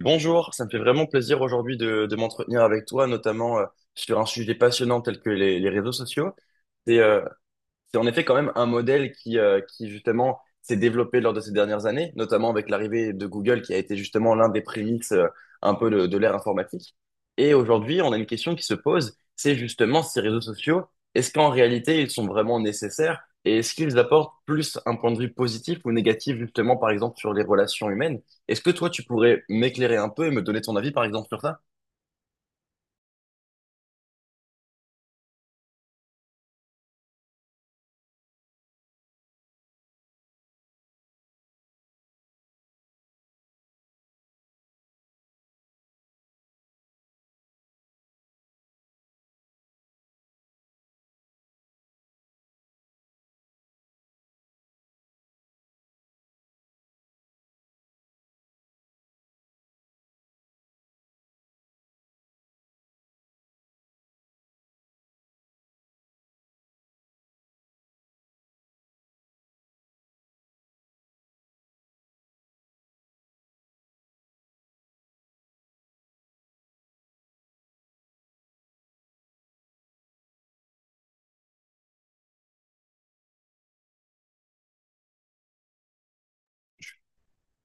Bonjour, ça me fait vraiment plaisir aujourd'hui de m'entretenir avec toi, notamment sur un sujet passionnant tel que les réseaux sociaux. C'est en effet quand même un modèle qui qui justement s'est développé lors de ces dernières années, notamment avec l'arrivée de Google qui a été justement l'un des prémices un peu de l'ère informatique. Et aujourd'hui, on a une question qui se pose, c'est justement ces réseaux sociaux, est-ce qu'en réalité ils sont vraiment nécessaires et est-ce qu'ils apportent plus un point de vue positif ou négatif justement par exemple sur les relations humaines? Est-ce que toi tu pourrais m'éclairer un peu et me donner ton avis par exemple sur ça?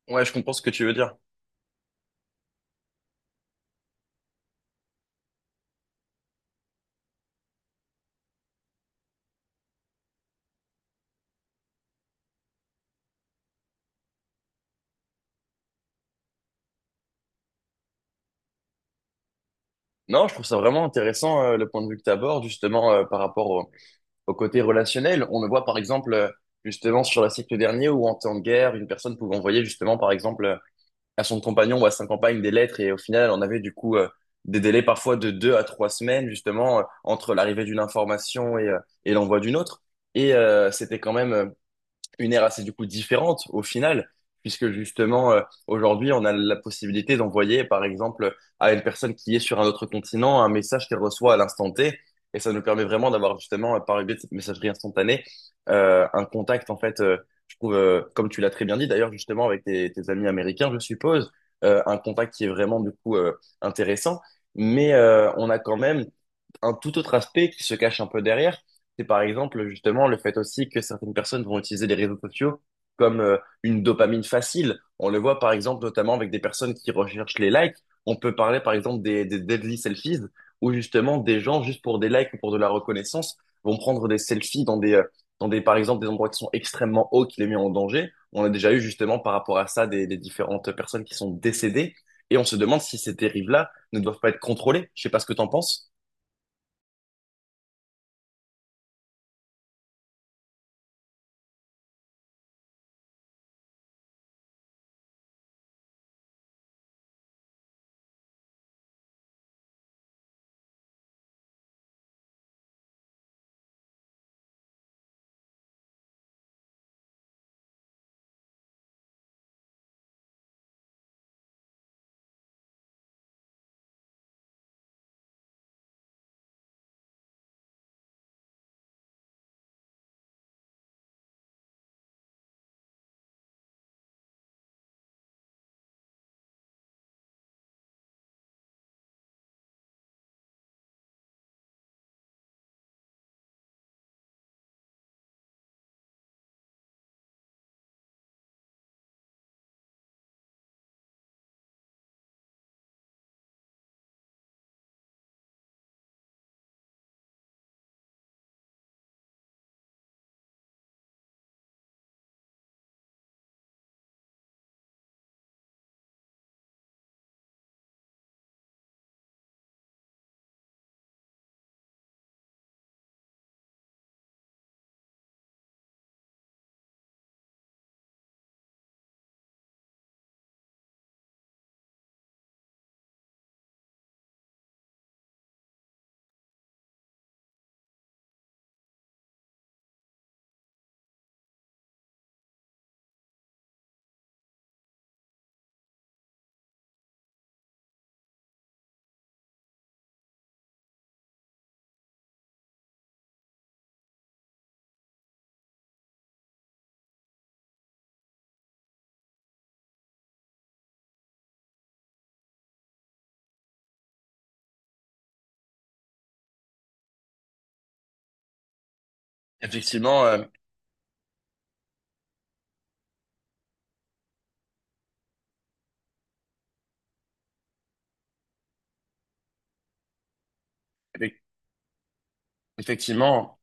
Ouais, je comprends ce que tu veux dire. Non, je trouve ça vraiment intéressant le point de vue que tu abordes justement par rapport au au côté relationnel. On le voit par exemple justement sur la siècle dernier où en temps de guerre, une personne pouvait envoyer justement par exemple à son compagnon ou à sa compagne des lettres et au final on avait du coup des délais parfois de 2 à 3 semaines justement entre l'arrivée d'une information et et l'envoi d'une autre. Et c'était quand même une ère assez du coup différente au final, puisque justement aujourd'hui on a la possibilité d'envoyer par exemple à une personne qui est sur un autre continent un message qu'elle reçoit à l'instant T, et ça nous permet vraiment d'avoir justement par le biais de cette messagerie instantanée un contact en fait, je trouve comme tu l'as très bien dit d'ailleurs justement avec tes amis américains je suppose, un contact qui est vraiment du coup intéressant, mais on a quand même un tout autre aspect qui se cache un peu derrière, c'est par exemple justement le fait aussi que certaines personnes vont utiliser les réseaux sociaux comme une dopamine facile. On le voit par exemple notamment avec des personnes qui recherchent les likes. On peut parler par exemple des deadly selfies où justement des gens juste pour des likes ou pour de la reconnaissance vont prendre des selfies dans des par exemple des endroits qui sont extrêmement hauts qui les mettent en danger. On a déjà eu justement par rapport à ça des différentes personnes qui sont décédées et on se demande si ces dérives-là ne doivent pas être contrôlées. Je sais pas ce que t'en penses. Effectivement, effec- effectivement.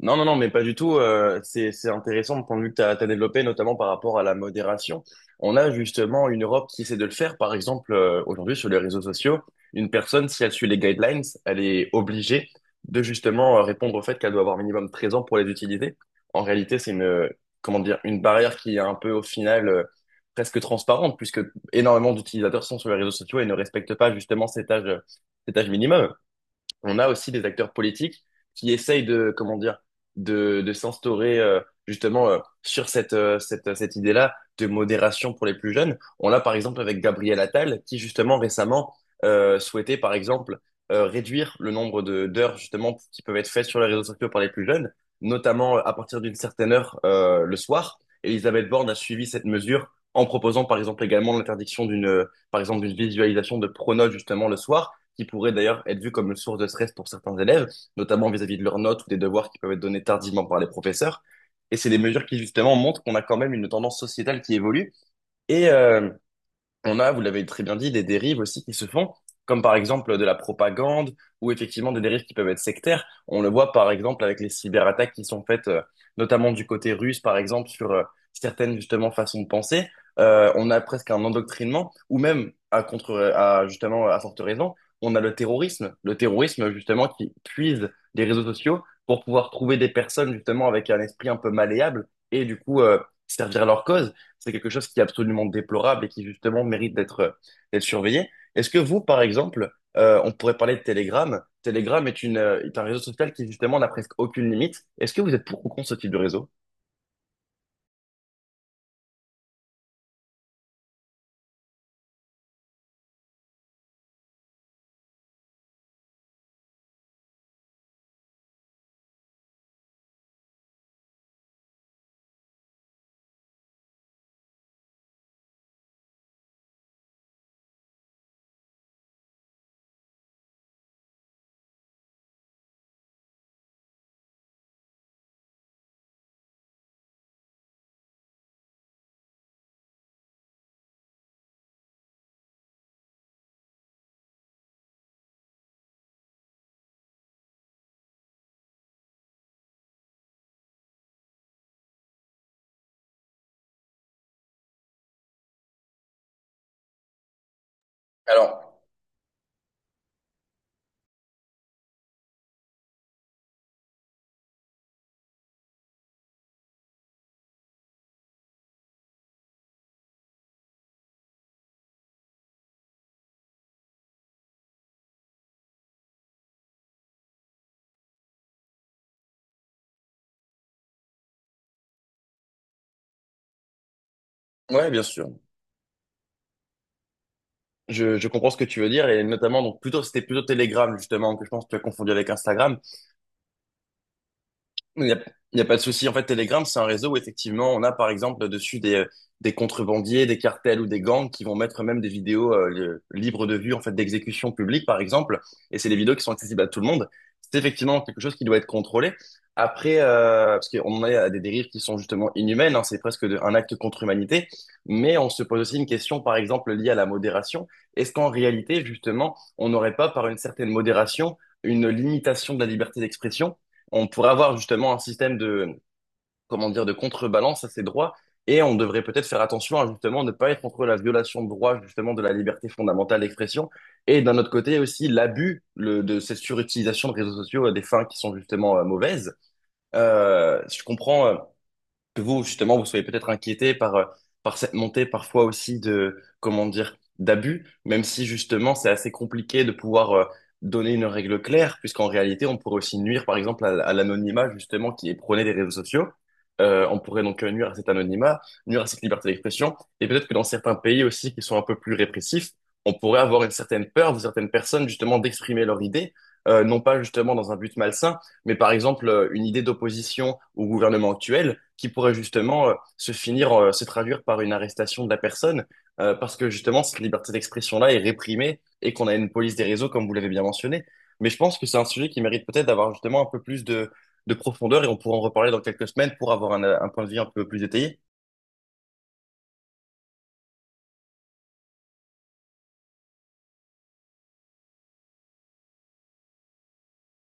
Non, non, non, mais pas du tout. C'est intéressant le point de vue que tu as développé, notamment par rapport à la modération. On a justement une Europe qui essaie de le faire. Par exemple, aujourd'hui, sur les réseaux sociaux, une personne, si elle suit les guidelines, elle est obligée de justement répondre au fait qu'elle doit avoir minimum 13 ans pour les utiliser. En réalité, c'est comment dire, une barrière qui est un peu, au final, presque transparente, puisque énormément d'utilisateurs sont sur les réseaux sociaux et ne respectent pas justement cet âge minimum. On a aussi des acteurs politiques qui essayent de, comment dire, de s'instaurer justement sur cette idée-là de modération pour les plus jeunes. On l'a par exemple avec Gabriel Attal qui justement récemment souhaitait par exemple réduire le nombre de d'heures justement qui peuvent être faites sur les réseaux sociaux par les plus jeunes, notamment à partir d'une certaine heure le soir. Elisabeth Borne a suivi cette mesure en proposant par exemple également l'interdiction d'une par exemple d'une visualisation de pronos justement le soir qui pourrait d'ailleurs être vu comme une source de stress pour certains élèves, notamment vis-à-vis de leurs notes ou des devoirs qui peuvent être donnés tardivement par les professeurs. Et c'est des mesures qui justement montrent qu'on a quand même une tendance sociétale qui évolue. Et on a, vous l'avez très bien dit, des dérives aussi qui se font, comme par exemple de la propagande ou effectivement des dérives qui peuvent être sectaires. On le voit par exemple avec les cyberattaques qui sont faites, notamment du côté russe, par exemple, sur certaines justement façons de penser. On a presque un endoctrinement, ou même à contre, à justement à forte raison, on a le terrorisme justement qui puise les réseaux sociaux pour pouvoir trouver des personnes justement avec un esprit un peu malléable et du coup servir leur cause. C'est quelque chose qui est absolument déplorable et qui justement mérite d'être d'être surveillé. Est-ce que vous, par exemple, on pourrait parler de Telegram. Telegram est est un réseau social qui justement n'a presque aucune limite. Est-ce que vous êtes pour ou contre ce type de réseau? Alors, ouais, bien sûr. Je comprends ce que tu veux dire et notamment donc plutôt c'était plutôt Telegram justement que je pense que tu as confondu avec Instagram. Il n'y a, il y a pas de souci. En fait, Telegram, c'est un réseau où effectivement, on a par exemple dessus des contrebandiers, des cartels ou des gangs qui vont mettre même des vidéos libres de vue, en fait, d'exécution publique, par exemple. Et c'est des vidéos qui sont accessibles à tout le monde. C'est effectivement quelque chose qui doit être contrôlé. Après, parce qu'on en est à des dérives qui sont justement inhumaines, hein, c'est presque un acte contre humanité. Mais on se pose aussi une question, par exemple, liée à la modération. Est-ce qu'en réalité, justement, on n'aurait pas, par une certaine modération, une limitation de la liberté d'expression? On pourrait avoir justement un système de, comment dire, de contrebalance à ces droits et on devrait peut-être faire attention à justement ne pas être contre la violation de droits justement de la liberté fondamentale d'expression et d'un autre côté aussi l'abus de cette surutilisation de réseaux sociaux à des fins qui sont justement mauvaises. Je comprends que vous, justement, vous soyez peut-être inquiété par par cette montée parfois aussi de, comment dire, d'abus, même si justement c'est assez compliqué de pouvoir donner une règle claire, puisqu'en réalité on pourrait aussi nuire par exemple à l'anonymat justement qui est prôné des réseaux sociaux. On pourrait donc nuire à cet anonymat, nuire à cette liberté d'expression, et peut-être que dans certains pays aussi qui sont un peu plus répressifs, on pourrait avoir une certaine peur de certaines personnes justement d'exprimer leur idée, non pas justement dans un but malsain, mais par exemple une idée d'opposition au gouvernement actuel qui pourrait justement se finir, se traduire par une arrestation de la personne, parce que justement cette liberté d'expression-là est réprimée et qu'on a une police des réseaux, comme vous l'avez bien mentionné. Mais je pense que c'est un sujet qui mérite peut-être d'avoir justement un peu plus de profondeur et on pourra en reparler dans quelques semaines pour avoir un point de vue un peu plus détaillé.